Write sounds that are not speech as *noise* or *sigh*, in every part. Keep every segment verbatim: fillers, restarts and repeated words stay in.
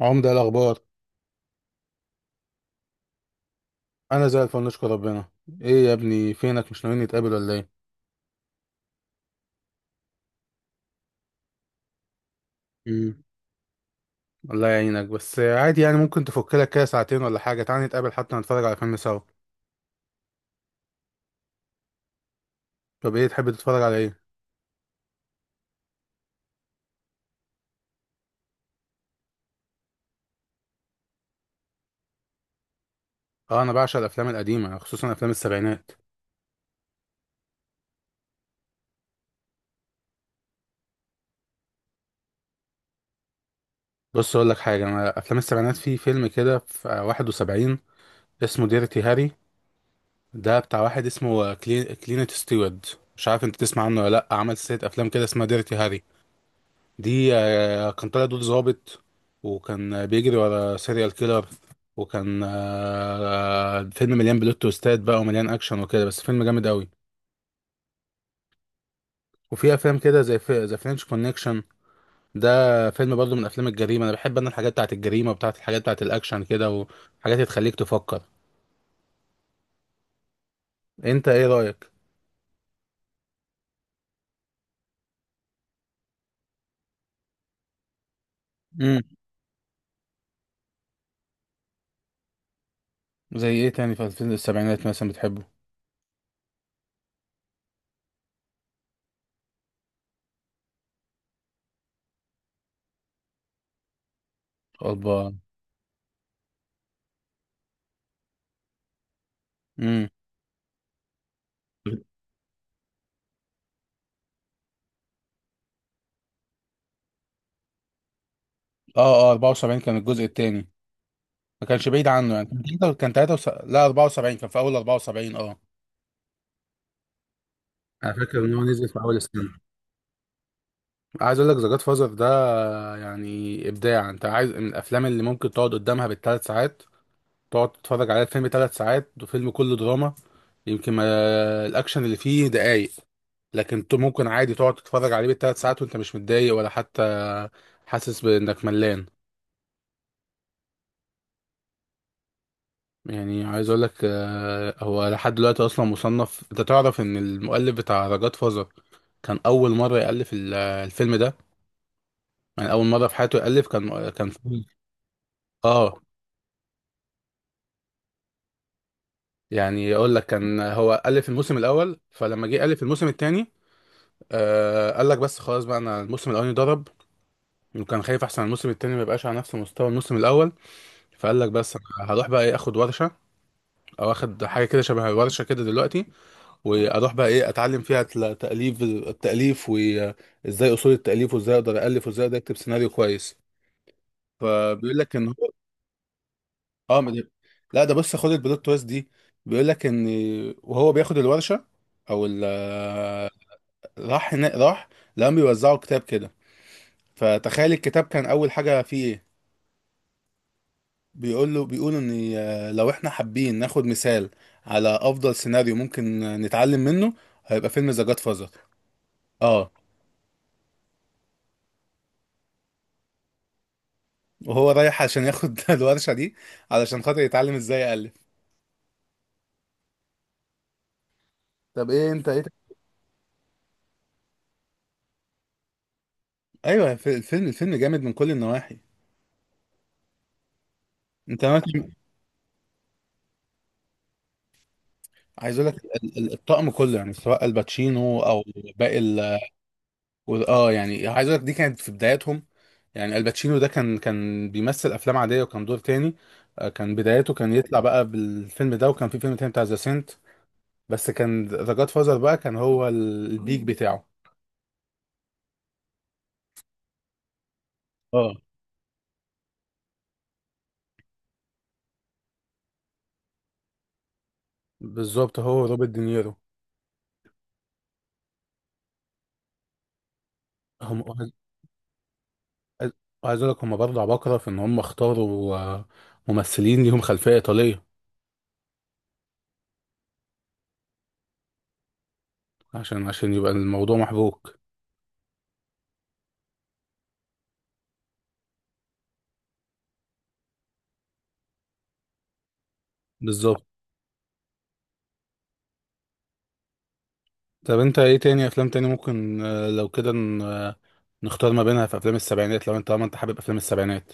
عمدة، إيه الأخبار؟ أنا زي الفل نشكر ربنا. إيه يا ابني فينك مش ناويين نتقابل ولا إيه؟ مم. الله يعينك، بس عادي يعني ممكن تفك لك كده ساعتين ولا حاجة، تعالى نتقابل حتى نتفرج على فيلم سوا. طب إيه تحب تتفرج على إيه؟ أه، أنا بعشق الأفلام القديمة، خصوصا أفلام السبعينات. بص أقول لك حاجة، أنا أفلام السبعينات في فيلم كده في واحد وسبعين اسمه ديرتي هاري. ده بتاع واحد اسمه كلين... كلينت ستيوارد. مش عارف أنت تسمع عنه ولا لأ، عمل سلسلة أفلام كده اسمها ديرتي هاري دي. آه، كان طالع دور ظابط. وكان آه، بيجري ورا سيريال كيلر. وكان آه، آه، فيلم مليان بلوت تويستات بقى ومليان اكشن وكده، بس فيلم جامد قوي. وفي افلام كده زي في ذا فرنش كونكشن. ده فيلم برضه من افلام الجريمه، انا بحب انا الحاجات بتاعت الجريمه وبتاعت الحاجات بتاعت الاكشن كده، وحاجات تخليك تفكر. انت ايه رايك؟ امم. زي ايه تاني في الفيلم السبعينات مثلا بتحبه؟ أربعة. امم. اه، اه، اربعة وسبعين كان الجزء التاني. ما كانش بعيد عنه يعني، كان تلاتة- كان ثلاثة وسبعين، لا اربعة وسبعين، كان في اول اربعة وسبعين، اه. انا فاكر ان هو نزل في اول السنه. عايز اقول لك ذا جاد فازر ده يعني ابداع. انت عايز من الافلام اللي ممكن تقعد قدامها بالثلاث ساعات، تقعد تتفرج على الفيلم ثلاث ساعات وفيلم كله دراما، يمكن ما الاكشن اللي فيه دقايق، لكن انت ممكن عادي تقعد تتفرج عليه بالثلاث ساعات وانت مش متضايق ولا حتى حاسس بانك ملان. يعني عايز اقول لك، آه، هو لحد دلوقتي اصلا مصنف. انت تعرف ان المؤلف بتاع ذا جاد كان اول مره يالف ال- الفيلم ده. يعني اول مره في حياته يالف، كان كان مم. اه. يعني اقول لك كان هو الف الموسم الاول، فلما جه الف الموسم الثاني آه قال لك بس خلاص بقى، انا الموسم الاولاني ضرب، وكان خايف احسن الموسم الثاني ما يبقاش على نفس مستوى الموسم الاول. فقال لك بس انا هروح بقى ايه، اخد ورشه او اخد حاجه كده شبه الورشه كده دلوقتي، واروح بقى ايه، اتعلم فيها تل- تاليف، التاليف وازاي اصول التاليف، وازاي اقدر الف وازاي اقدر اكتب سيناريو كويس. فبيقول لك ان هو اه، ما ده- لا، ده بص خد البلوت تويست دي. بيقول لك ان وهو بياخد الورشه او ال راح هنا راح، لقاهم بيوزعوا كتاب كده. فتخيل الكتاب كان اول حاجه فيه ايه؟ بيقول له، بيقولوا ان آه، لو احنا حابين ناخد مثال على افضل سيناريو ممكن آه، نتعلم منه، هيبقى فيلم ذا جاد فازر. اه. وهو رايح عشان ياخد *laughs* الورشه دي علشان خاطر يتعلم ازاي يالف. طب ايه انت ايه؟ ايوه، الف- الفيلم الفيلم جامد من كل النواحي. انت عايز اقول لك ال- ال- الطقم كله، يعني سواء الباتشينو او باقي ال. اه يعني عايز اقول لك دي كانت في بداياتهم. يعني الباتشينو ده كان كان بيمثل افلام عاديه وكان دور تاني. آه، كان بدايته كان يطلع بقى بالفيلم ده، وكان في فيلم تاني بتاع ذا سنت، بس كان ذا جاد فازر بقى كان هو ال- البيك بتاعه. اه بالظبط. هو روبرت دينيرو. هم عايز عايز اقول لك هم برضه عباقره في ان هم اختاروا آه، ممثلين ليهم خلفيه ايطاليه عشان عشان يبقى الموضوع محبوك. بالظبط. طب انت ايه تاني افلام تاني ممكن، آه، لو كده ن- آه، نختار ما بينها في افلام السبعينات، لو انت، طالما انت حابب افلام السبعينات.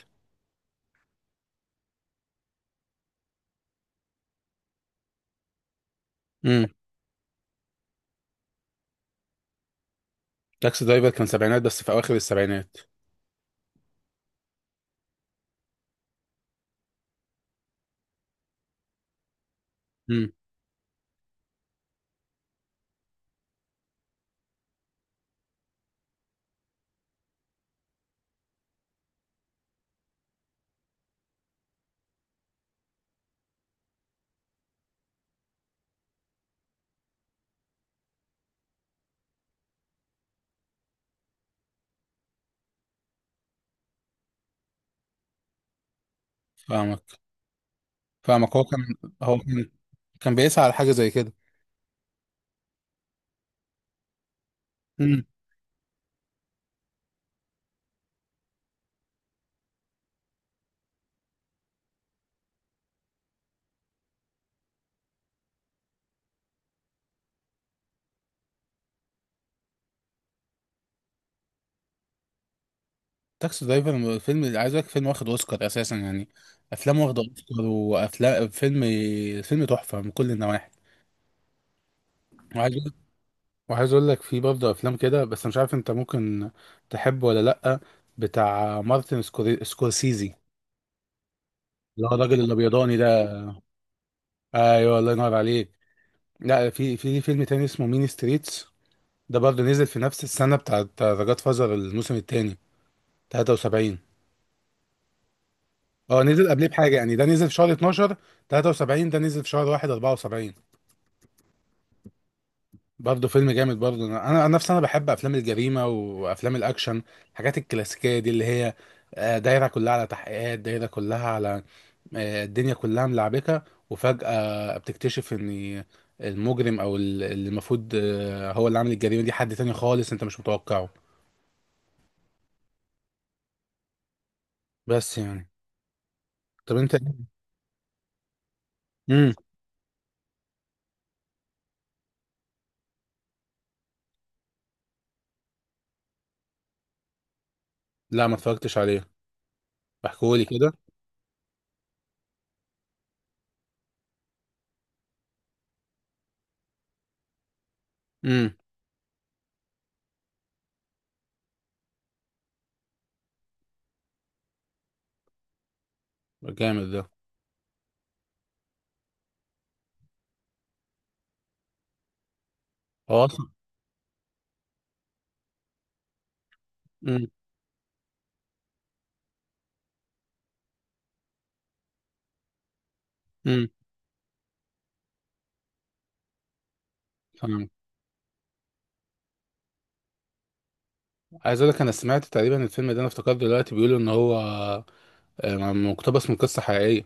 امم. تاكسي درايفر كان سبعينات بس في اواخر السبعينات. امم. فاهمك. فاهمك، هو كان هو كان كان بيسعى على حاجه زي كده. امم. تاكسي درايفر فيلم، عايز اقول لك فيلم واخد اوسكار اساسا يعني، افلام واخده اوسكار وافلام، فيلم، فيلم تحفه من كل النواحي. وعايز اقول وعايز اقول لك في برضه افلام كده، بس مش عارف انت ممكن تحبه ولا لا. بتاع مارتن سكوري- سكورسيزي اللي هو الراجل الابيضاني ده. ايوه الله ينور عليك. لا، في في فيلم تاني اسمه مين ستريتس. ده برضه نزل في نفس السنه بتاعت ذا جاد فازر الموسم التاني، ثلاثة وسبعين. اه نزل قبليه بحاجه يعني، ده نزل في شهر اتناشر ثلاثة وسبعين، ده نزل في شهر واحد اربعة وسبعين. برضه فيلم جامد. برضه انا انا أنا نفسي انا بحب افلام الجريمه وافلام الاكشن، الحاجات الكلاسيكيه دي اللي هي آه، دايره كلها على تحقيقات، دايره كلها على آه، الدنيا كلها ملعبكة، وفجأة بتكتشف ان المجرم او ال- اللي المفروض آه، هو اللي عامل الجريمة دي حد تاني خالص انت مش متوقعه. بس يعني. طب انت. امم. لا، ما اتفرجتش عليه. احكولي كده. امم. جامد ده. هو اصلا. امم. امم. فاهم. عايز اقول لك، انا سمعت تقريبا الفيلم ده، انا افتكرت دلوقتي بيقولوا ان هو آه، مقتبس من قصة حقيقية.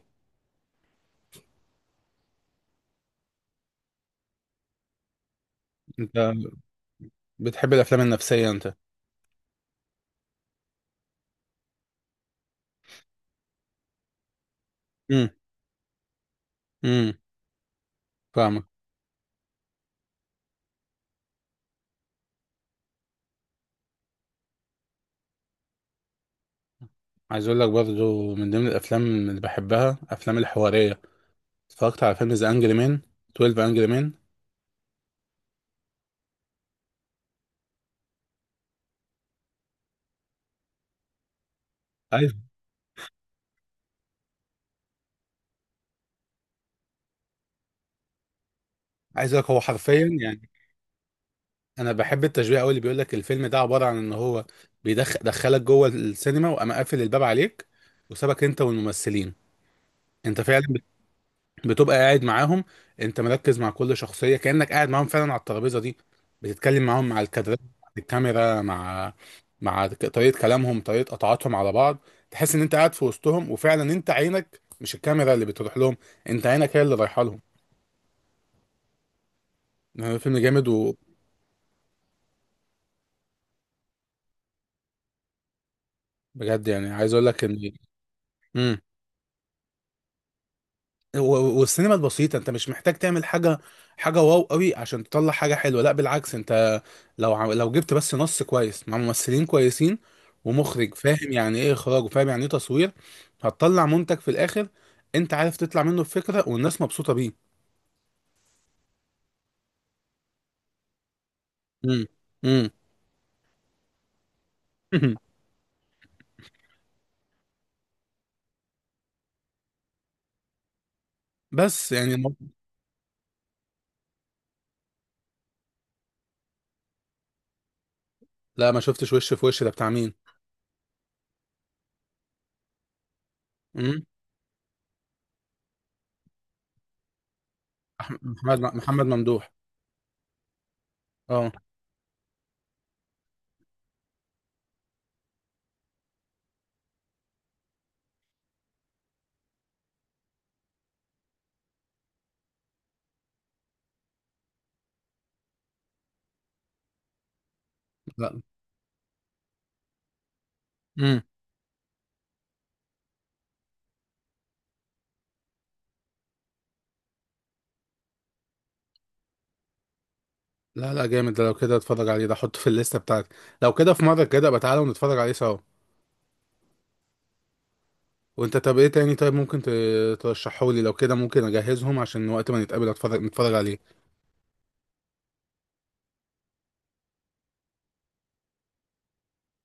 انت بتحب الافلام النفسية انت؟ امم. امم. فاهمك. عايز اقول لك برضو من ضمن الافلام اللي بحبها افلام الحواريه. اتفرجت على فيلم ذا انجري مان، اثني عشر انجري مان. ايوه. عايز اقول لك هو حرفيا يعني، انا بحب التشبيه قوي اللي بيقول لك الفيلم ده عباره عن ان هو بيدخلك جوه السينما وقام قافل الباب عليك وسابك انت والممثلين. انت فعلا بتبقى قاعد معاهم. انت مركز مع كل شخصيه كانك قاعد معاهم فعلا على الترابيزه دي، بتتكلم معاهم، مع الكادرات، مع الكاميرا، مع مع ك- طريقه كلامهم، طريقه قطعاتهم على بعض. تحس ان انت قاعد في وسطهم، وفعلا انت عينك مش الكاميرا اللي بتروح لهم، انت عينك هي اللي رايحه لهم. يعني فيلم جامد. وبجد يعني عايز اقول لك ان مم. و- والسينما البسيطة، انت مش محتاج تعمل حاجة، حاجة واو قوي عشان تطلع حاجة حلوة. لا، بالعكس انت لو عم- لو جبت بس نص كويس مع ممثلين كويسين ومخرج فاهم يعني ايه اخراج وفاهم يعني ايه تصوير، هتطلع منتج في الاخر. انت عارف تطلع منه بفكرة والناس مبسوطة بيه. امم. امم. *laughs* بس يعني الم- لا، ما شفتش. وش في وش ده بتاع مين؟ امم. أح- محمد محمد ممدوح. اه. لا. امم. لا، لا، جامد ده، لو كده اتفرج عليه ده، احطه في الليستة بتاعتي. لو كده في مرة كده بقى، تعالى ونتفرج عليه سوا. وانت طب ايه تاني، طيب ممكن ترشحه لي لو كده، ممكن اجهزهم عشان وقت ما نتقابل، اتفرج نتفرج عليه.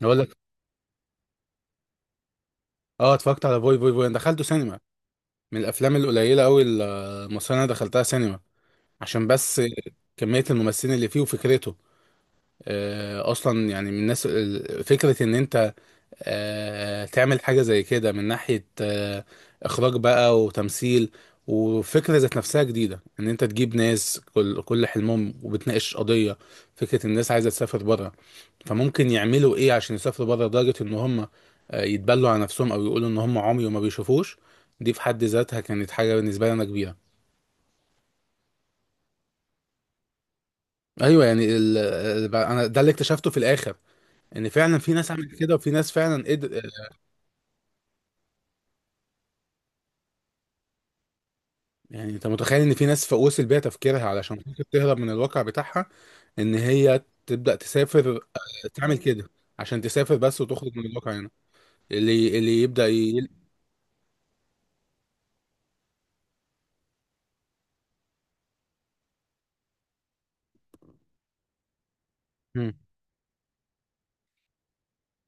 اقول لك اه، اتفرجت على فوي فوي فوي، انا دخلته سينما من الافلام القليله قوي المصريه اللي انا دخلتها سينما، عشان بس كميه الممثلين اللي فيه وفكرته. آه اصلا يعني من الناس ال- فكره ان انت آه تعمل حاجه زي كده من ناحيه آه اخراج بقى وتمثيل، وفكره ذات نفسها جديده ان انت تجيب ناس كل كل حلمهم، وبتناقش قضيه. فكره الناس عايزه تسافر بره، فممكن يعملوا ايه عشان يسافروا بره، لدرجة ان هم آه، يتبلوا على نفسهم، او يقولوا ان هم عمي وما بيشوفوش. دي في حد ذاتها كانت حاجة بالنسبة لي انا كبيرة. ايوه يعني ال... ال- انا، ده اللي اكتشفته في الاخر ان فعلا في ناس عملت كده، وفي ناس فعلا قدر. يعني انت متخيل ان في ناس ف- وصل بيها تفكيرها علشان خاطر تهرب من الواقع بتاعها ان هي تبدأ تسافر، تعمل كده عشان تسافر بس وتخرج من الواقع هنا، اللي اللي يبدأ ي...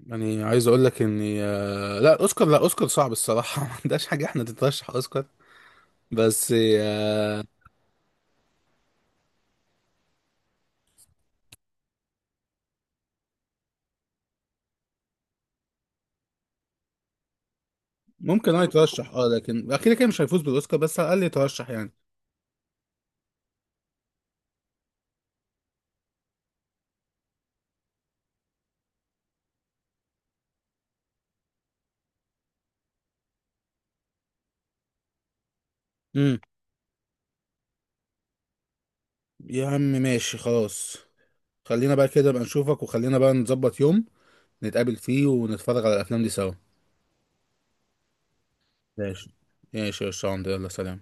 يعني عايز اقول لك اني آه، لا، اوسكار لا اوسكار صعب الصراحه *laughs* ما عندهاش حاجه احنا تترشح اوسكار، بس آه، ممكن اه يترشح. اه لكن اكيد كده مش هيفوز بالاوسكار، بس على الاقل يترشح يعني. امم. يا عم ماشي خلاص، خلينا بقى كده بقى نشوفك، وخلينا بقى نظبط يوم نتقابل فيه ونتفرج على الافلام دي سوا. ماشي. ماشي يا شاندر، يلا سلام.